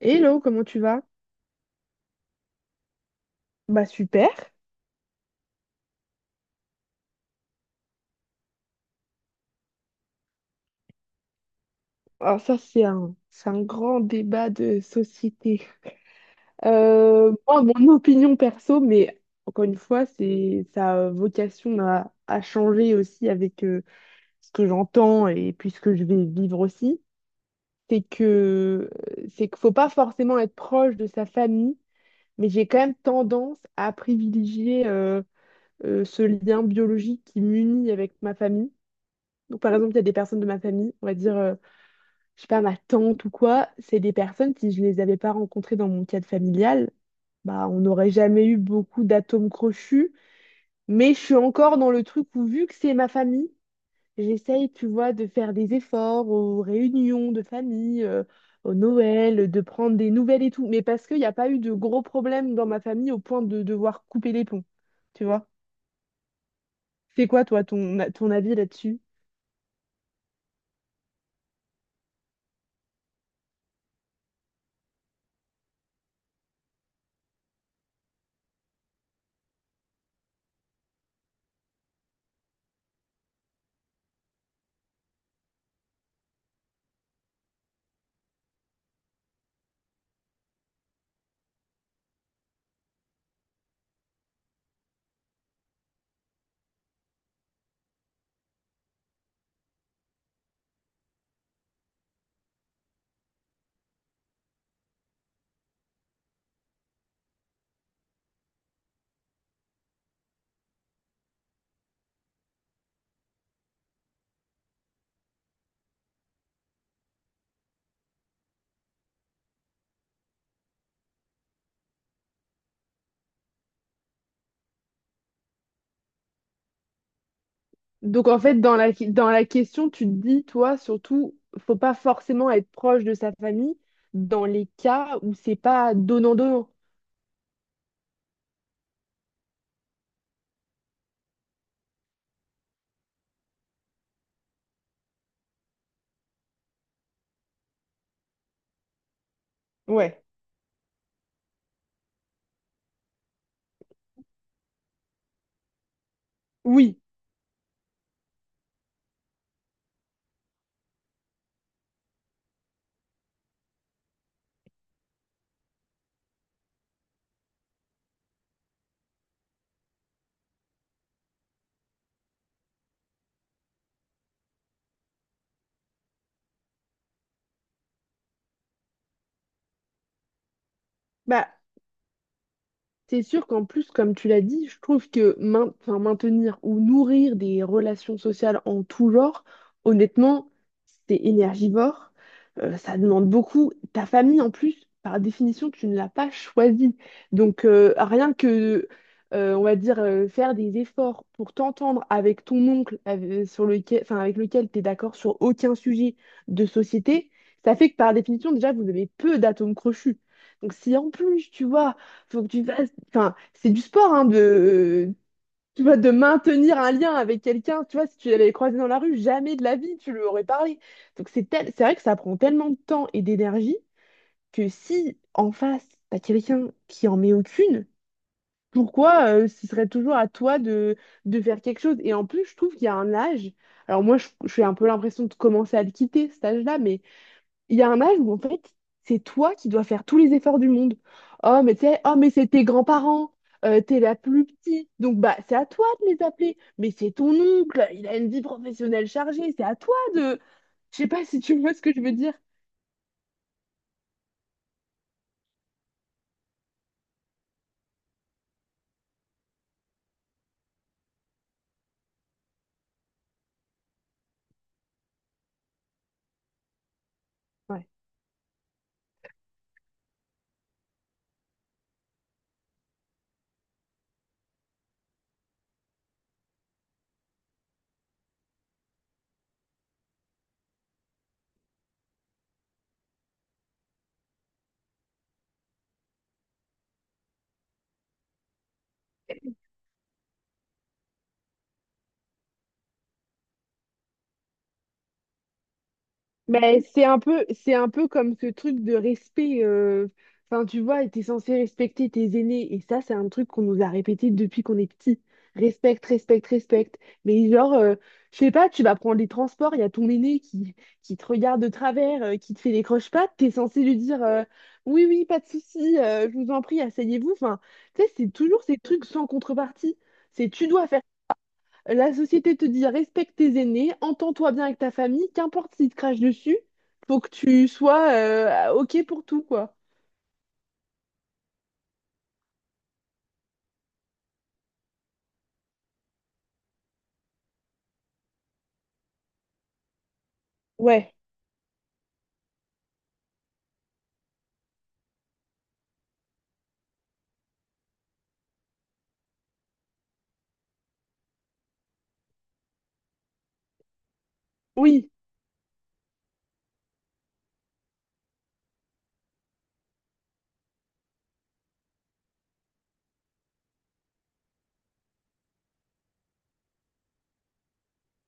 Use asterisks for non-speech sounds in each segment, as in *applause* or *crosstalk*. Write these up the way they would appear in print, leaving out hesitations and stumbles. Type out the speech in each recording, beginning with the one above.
Hello, comment tu vas? Bah super. Alors c'est un grand débat de société. Moi, mon opinion perso, mais encore une fois, c'est sa vocation à changer aussi avec ce que j'entends et puis ce que je vais vivre aussi. C'est que c'est qu'il faut pas forcément être proche de sa famille, mais j'ai quand même tendance à privilégier ce lien biologique qui m'unit avec ma famille. Donc par exemple, il y a des personnes de ma famille, on va dire. Je sais pas, ma tante ou quoi, c'est des personnes, si je les avais pas rencontrées dans mon cadre familial, bah, on n'aurait jamais eu beaucoup d'atomes crochus. Mais je suis encore dans le truc où, vu que c'est ma famille, j'essaye, tu vois, de faire des efforts aux réunions de famille, au Noël, de prendre des nouvelles et tout. Mais parce qu'il n'y a pas eu de gros problèmes dans ma famille au point de devoir couper les ponts, tu vois. C'est quoi, toi, ton avis là-dessus? Donc en fait, dans dans la question, tu te dis, toi, surtout, faut pas forcément être proche de sa famille dans les cas où c'est pas donnant-donnant. Ouais. Oui. Bah, c'est sûr qu'en plus, comme tu l'as dit, je trouve que enfin, maintenir ou nourrir des relations sociales en tout genre, honnêtement, c'est énergivore, ça demande beaucoup. Ta famille, en plus, par définition, tu ne l'as pas choisie. Donc, rien que, on va dire, faire des efforts pour t'entendre avec ton oncle sur lequel, enfin, avec lequel tu es d'accord sur aucun sujet de société, ça fait que par définition, déjà, vous avez peu d'atomes crochus. Donc, si en plus, tu vois, faut que tu fasses. Enfin, c'est du sport, hein, tu vois, de maintenir un lien avec quelqu'un. Tu vois, si tu l'avais croisé dans la rue, jamais de la vie, tu lui aurais parlé. Donc, c'est vrai que ça prend tellement de temps et d'énergie que si en face, t'as quelqu'un qui en met aucune, pourquoi ce serait toujours à toi de faire quelque chose? Et en plus, je trouve qu'il y a un âge. Alors, je fais un peu l'impression de commencer à le quitter, cet âge-là, mais il y a un âge où en fait, c'est toi qui dois faire tous les efforts du monde. Oh, mais tu sais, oh, mais c'est tes grands-parents, t'es la plus petite, donc bah c'est à toi de les appeler. Mais c'est ton oncle, il a une vie professionnelle chargée, c'est à toi de. Je sais pas si tu vois ce que je veux dire. Mais c'est un peu comme ce truc de respect. Enfin, tu vois, t'es censé respecter tes aînés. Et ça, c'est un truc qu'on nous a répété depuis qu'on est petit. Respecte, respecte, respecte. Mais genre, je sais pas, tu vas prendre les transports, il y a ton aîné qui te regarde de travers, qui te fait des croche-pattes, t'es censé lui dire oui, oui, pas de souci, je vous en prie, asseyez-vous. Enfin, tu sais, c'est toujours ces trucs sans contrepartie. C'est tu dois faire la société te dit respecte tes aînés, entends-toi bien avec ta famille, qu'importe s'ils te crachent dessus, faut que tu sois OK pour tout, quoi. Ouais. Oui,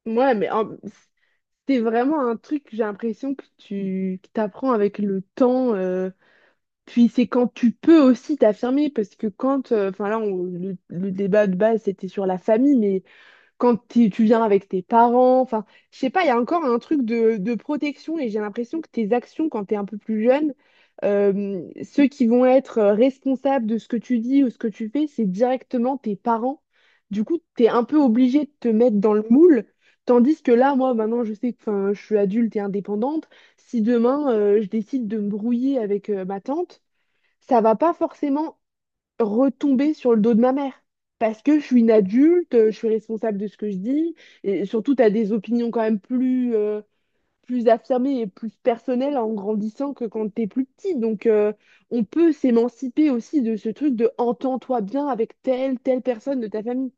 ouais, c'est vraiment un truc, j'ai l'impression que tu que t'apprends avec le temps. Puis c'est quand tu peux aussi t'affirmer, parce que quand, enfin là, le débat de base, c'était sur la famille, tu viens avec tes parents. Enfin, je sais pas, il y a encore un truc de protection et j'ai l'impression que tes actions quand t'es un peu plus jeune, ceux qui vont être responsables de ce que tu dis ou ce que tu fais, c'est directement tes parents. Du coup, t'es un peu obligé de te mettre dans le moule. Tandis que là, moi, maintenant, je sais que 'fin, je suis adulte et indépendante. Si demain, je décide de me brouiller avec ma tante, ça va pas forcément retomber sur le dos de ma mère. Parce que je suis une adulte, je suis responsable de ce que je dis, et surtout, tu as des opinions quand même plus, plus affirmées et plus personnelles en grandissant que quand t'es plus petit. Donc, on peut s'émanciper aussi de ce truc de entends-toi bien avec telle personne de ta famille.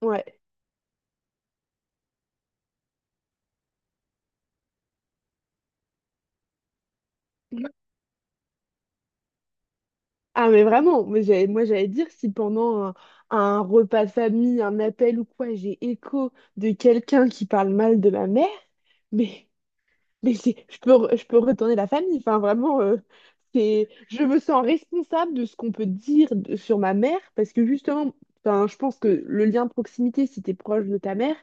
Ouais. Ah mais vraiment, moi, j'allais dire si pendant un repas de famille, un appel ou quoi, j'ai écho de quelqu'un qui parle mal de ma mère, mais Mais c'est, je peux retourner la famille. Enfin, vraiment, c'est, je me sens responsable de ce qu'on peut dire sur ma mère parce que justement, enfin, je pense que le lien de proximité, si t'es proche de ta mère,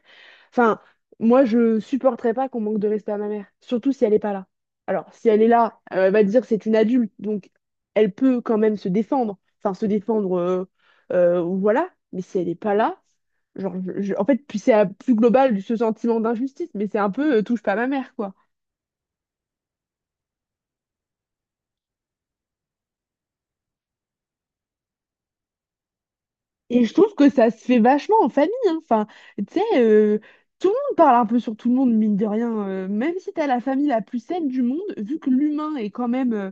enfin, moi, je supporterais pas qu'on manque de respect à ma mère, surtout si elle est pas là. Alors, si elle est là, elle va te dire c'est une adulte, donc elle peut quand même se défendre. Enfin, se défendre, voilà. Mais si elle est pas là, genre, en fait, puis c'est plus global ce sentiment d'injustice, mais c'est un peu touche pas à ma mère, quoi. Et je trouve que ça se fait vachement en famille, hein. Enfin, tu sais, tout le monde parle un peu sur tout le monde, mine de rien. Même si t'as la famille la plus saine du monde, vu que l'humain est quand même euh,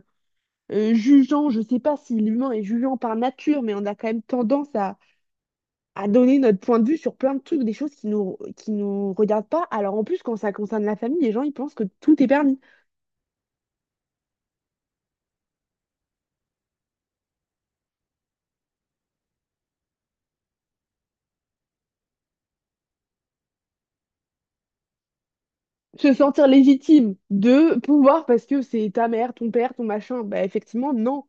euh, jugeant, je sais pas si l'humain est jugeant par nature, mais on a quand même tendance à donner notre point de vue sur plein de trucs, des choses qui nous regardent pas. Alors en plus, quand ça concerne la famille, les gens, ils pensent que tout est permis. Se sentir légitime de pouvoir, parce que c'est ta mère, ton père, ton machin, bah effectivement, non.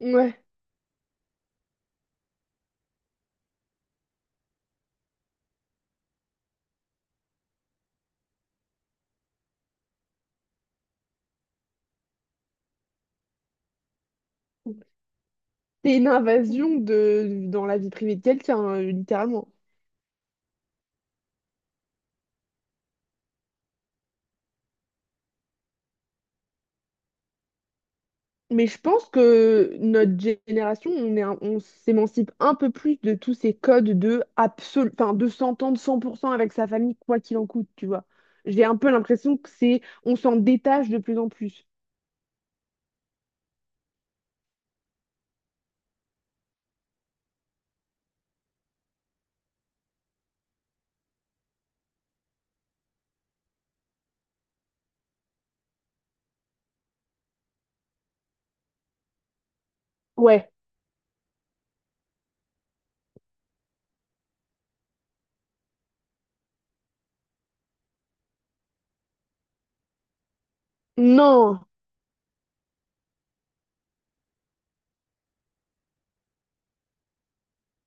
*laughs* C'est une invasion dans la vie privée de quelqu'un, littéralement. Mais je pense que notre génération, on s'émancipe un peu plus de tous ces codes de absolu, enfin, de s'entendre 100% avec sa famille, quoi qu'il en coûte, tu vois. J'ai un peu l'impression que c'est, on s'en détache de plus en plus. Ouais. Non.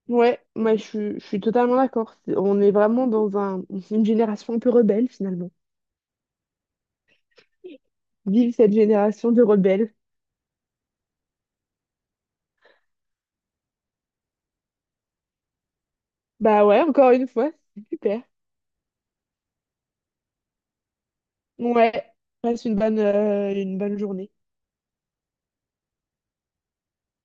Ouais. Moi, je suis totalement d'accord. On est vraiment dans un, une génération un peu rebelle, finalement. Vive cette génération de rebelles. Bah ouais, encore une fois, c'est super. Ouais, passe une bonne journée.